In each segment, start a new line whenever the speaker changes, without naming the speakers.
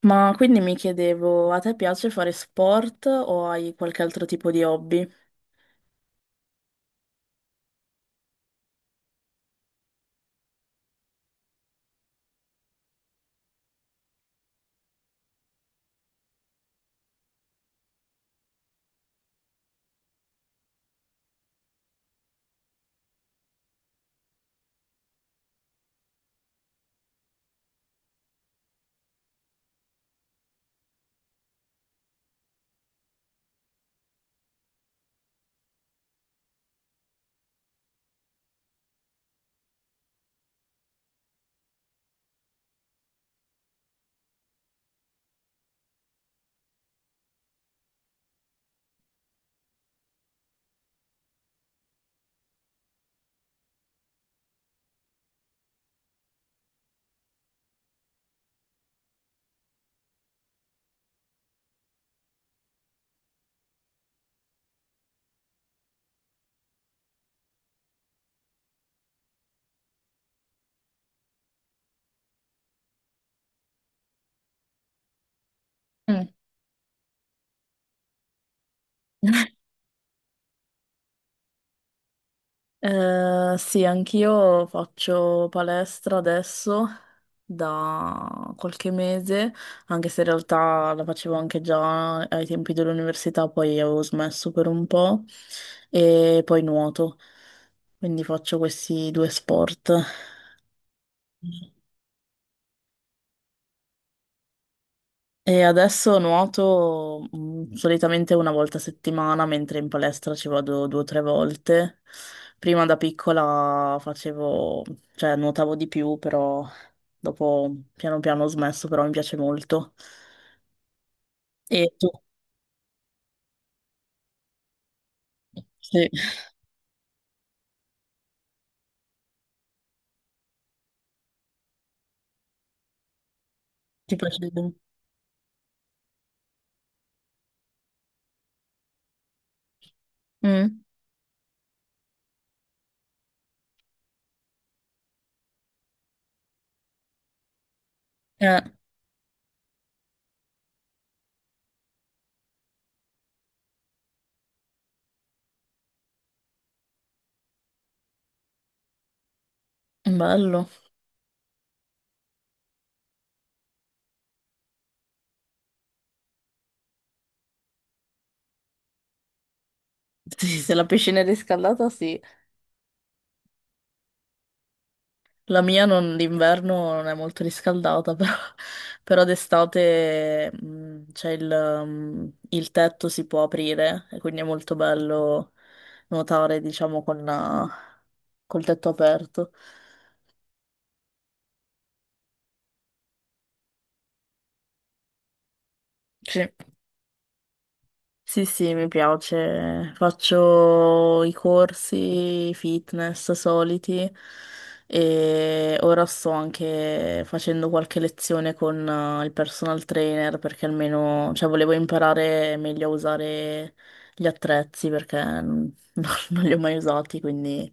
Ma quindi mi chiedevo, a te piace fare sport o hai qualche altro tipo di hobby? Mm. Sì, anch'io faccio palestra adesso da qualche mese, anche se in realtà la facevo anche già ai tempi dell'università, poi avevo smesso per un po' e poi nuoto, quindi faccio questi due sport. E adesso nuoto solitamente una volta a settimana, mentre in palestra ci vado due o tre volte. Prima da piccola facevo, cioè nuotavo di più, però dopo piano piano ho smesso, però mi piace molto. E tu? Sì. ti piace? Mm. Eh, bello. Sì, se la piscina è riscaldata, sì. La mia d'inverno non è molto riscaldata, però, però d'estate c'è il tetto si può aprire e quindi è molto bello nuotare, diciamo, col tetto aperto. Sì. Sì, sì, mi piace. Faccio i corsi fitness soliti e ora sto anche facendo qualche lezione con il personal trainer perché almeno, cioè, volevo imparare meglio a usare gli attrezzi perché non, non li ho mai usati, quindi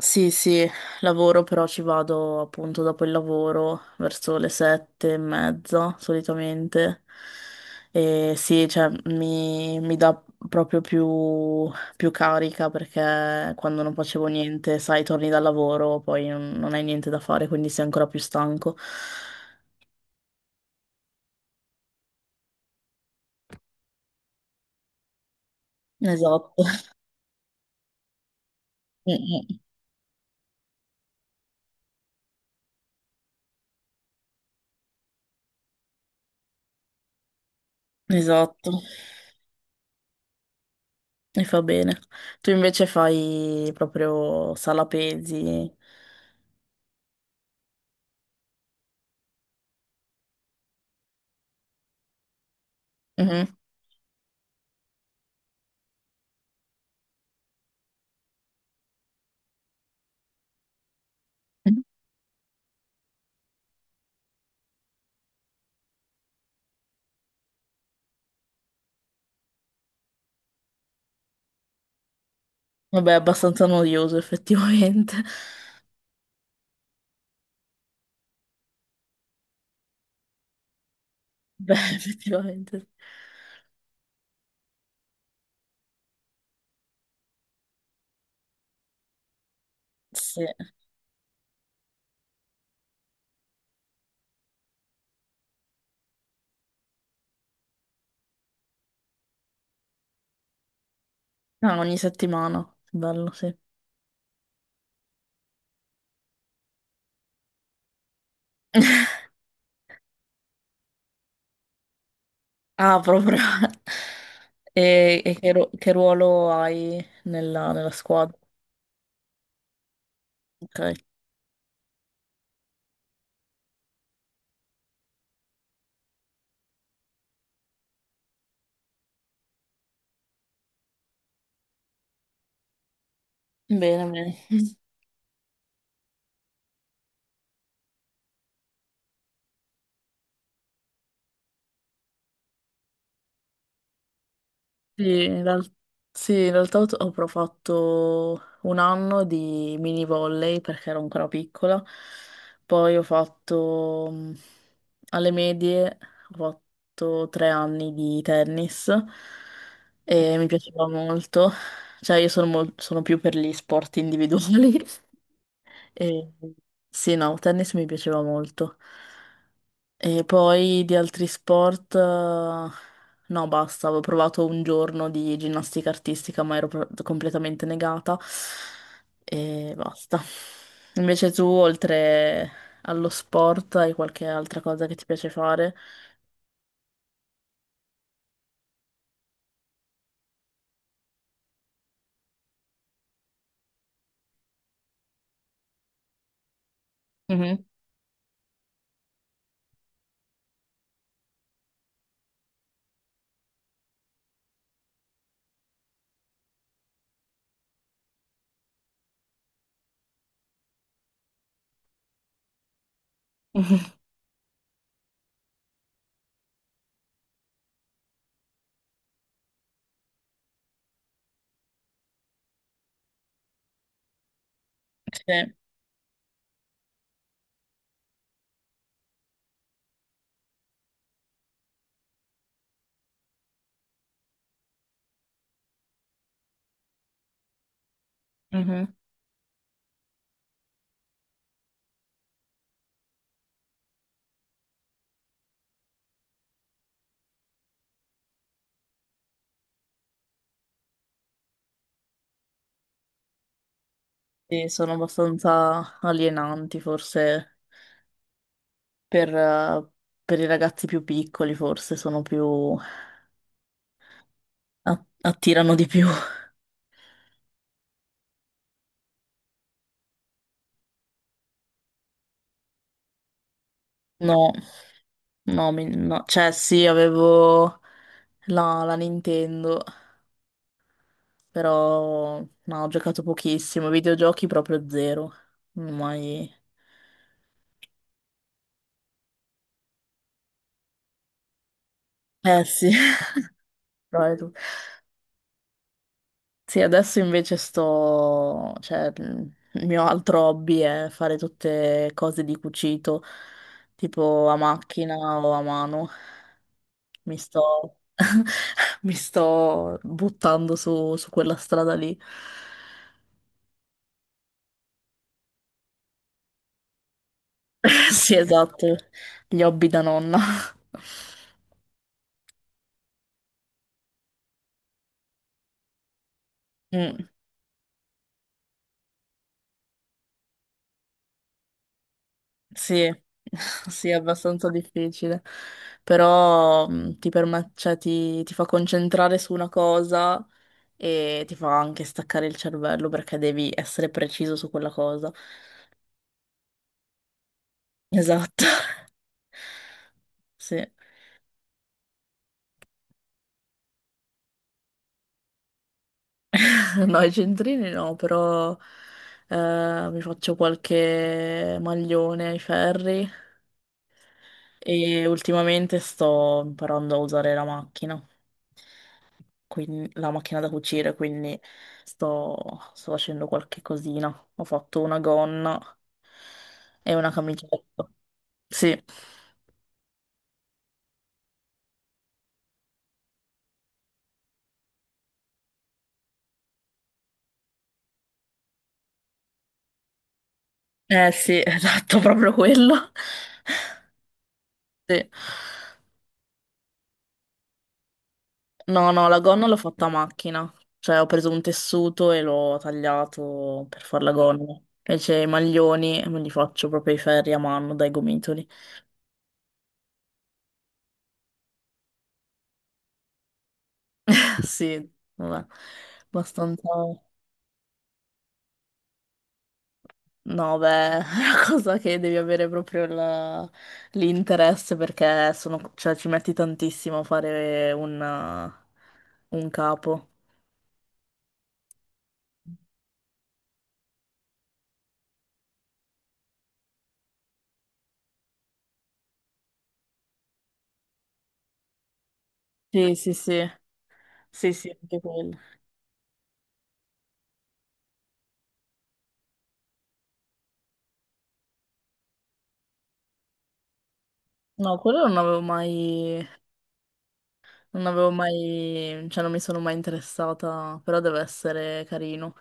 sì, sì, lavoro però ci vado appunto dopo il lavoro, verso le sette e mezza solitamente. E sì, cioè mi dà proprio più carica perché quando non facevo niente, sai, torni dal lavoro, poi non hai niente da fare, quindi sei ancora più stanco. Esatto. Mm, esatto, mi fa bene. Tu invece fai proprio sala pesi. Mhm. Vabbè, è abbastanza noioso effettivamente. Beh, effettivamente. Sì. Ah, ogni settimana. Bello, sì. Ah, proprio. E che ruolo hai nella squadra? Ok. Bene, bene. Sì, in real- sì, in realtà ho però fatto un anno di mini volley perché ero ancora piccola, poi ho fatto alle medie, ho fatto tre anni di tennis e mi piaceva molto, cioè io sono più per gli sport individuali e sì, no, tennis mi piaceva molto. E poi di altri sport, no, basta, avevo provato un giorno di ginnastica artistica, ma ero completamente negata e basta. Invece tu, oltre allo sport, hai qualche altra cosa che ti piace fare? Mhm. Sì. Mhm. Sì, sono abbastanza alienanti, forse per, eh, per i ragazzi più piccoli, forse sono più... attirano di più. No. No, cioè sì, avevo la Nintendo, però no, ho giocato pochissimo, videogiochi proprio zero, non ho mai... Eh sì. Però è tu- sì, adesso invece sto... cioè il mio altro hobby è fare tutte cose di cucito, tipo a macchina o a mano. Mi sto... mi sto buttando su su quella strada lì. Sì, esatto, gli hobby da nonna. Mm, sì, sì, è abbastanza difficile, però ti permette, cioè, ti fa concentrare su una cosa e ti fa anche staccare il cervello perché devi essere preciso su quella cosa. Esatto, sì. No, i centrini no, però mi faccio qualche maglione ai ferri e ultimamente sto imparando a usare la macchina. Quin- la macchina da cucire, quindi sto, sto facendo qualche cosina. Ho fatto una gonna e una camicetta. Sì, eh sì, esatto, proprio quello. Sì. No, no, la gonna l'ho fatta a macchina, cioè ho preso un tessuto e l'ho tagliato per fare la gonna. Invece i maglioni me li faccio proprio i ferri a mano dai gomitoli. Sì, vabbè, abbastanza. No, beh, è una cosa che devi avere proprio l'interesse perché sono, cioè, ci metti tantissimo a fare un capo. Sì, sì, sì, sì, sì, anche quello. No, quello non avevo mai, non avevo mai, cioè non mi sono mai interessata, però deve essere carino.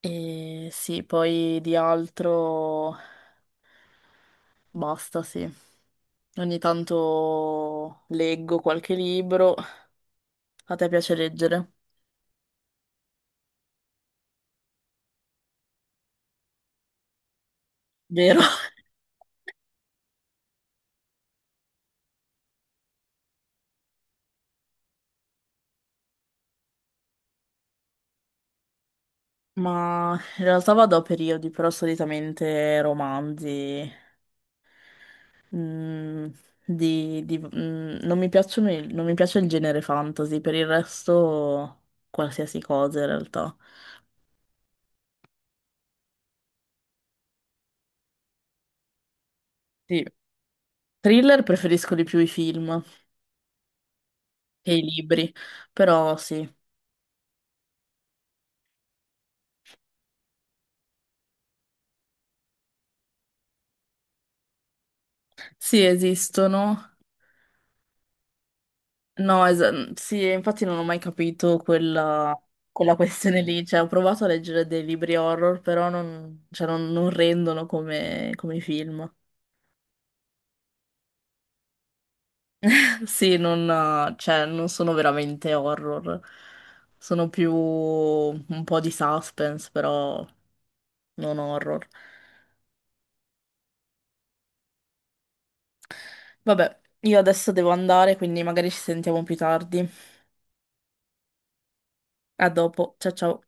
E sì, poi di altro basta, sì. Ogni tanto leggo qualche libro. A te piace leggere, vero? Ma in realtà vado a periodi, però solitamente romanzi. mm, Non mi piacciono non mi piace il genere fantasy, per il resto qualsiasi cosa in realtà. Sì. Thriller preferisco di più i film che i libri, però sì, sì esistono. No, es- mm, Sì, infatti non ho mai capito quella questione lì, cioè ho provato a leggere dei libri horror, però non, cioè, non- non rendono come come i film. Sì, non sono veramente horror, sono più un po' di suspense, però non horror. Vabbè, io adesso devo andare, quindi magari ci sentiamo più tardi. A dopo, ciao ciao.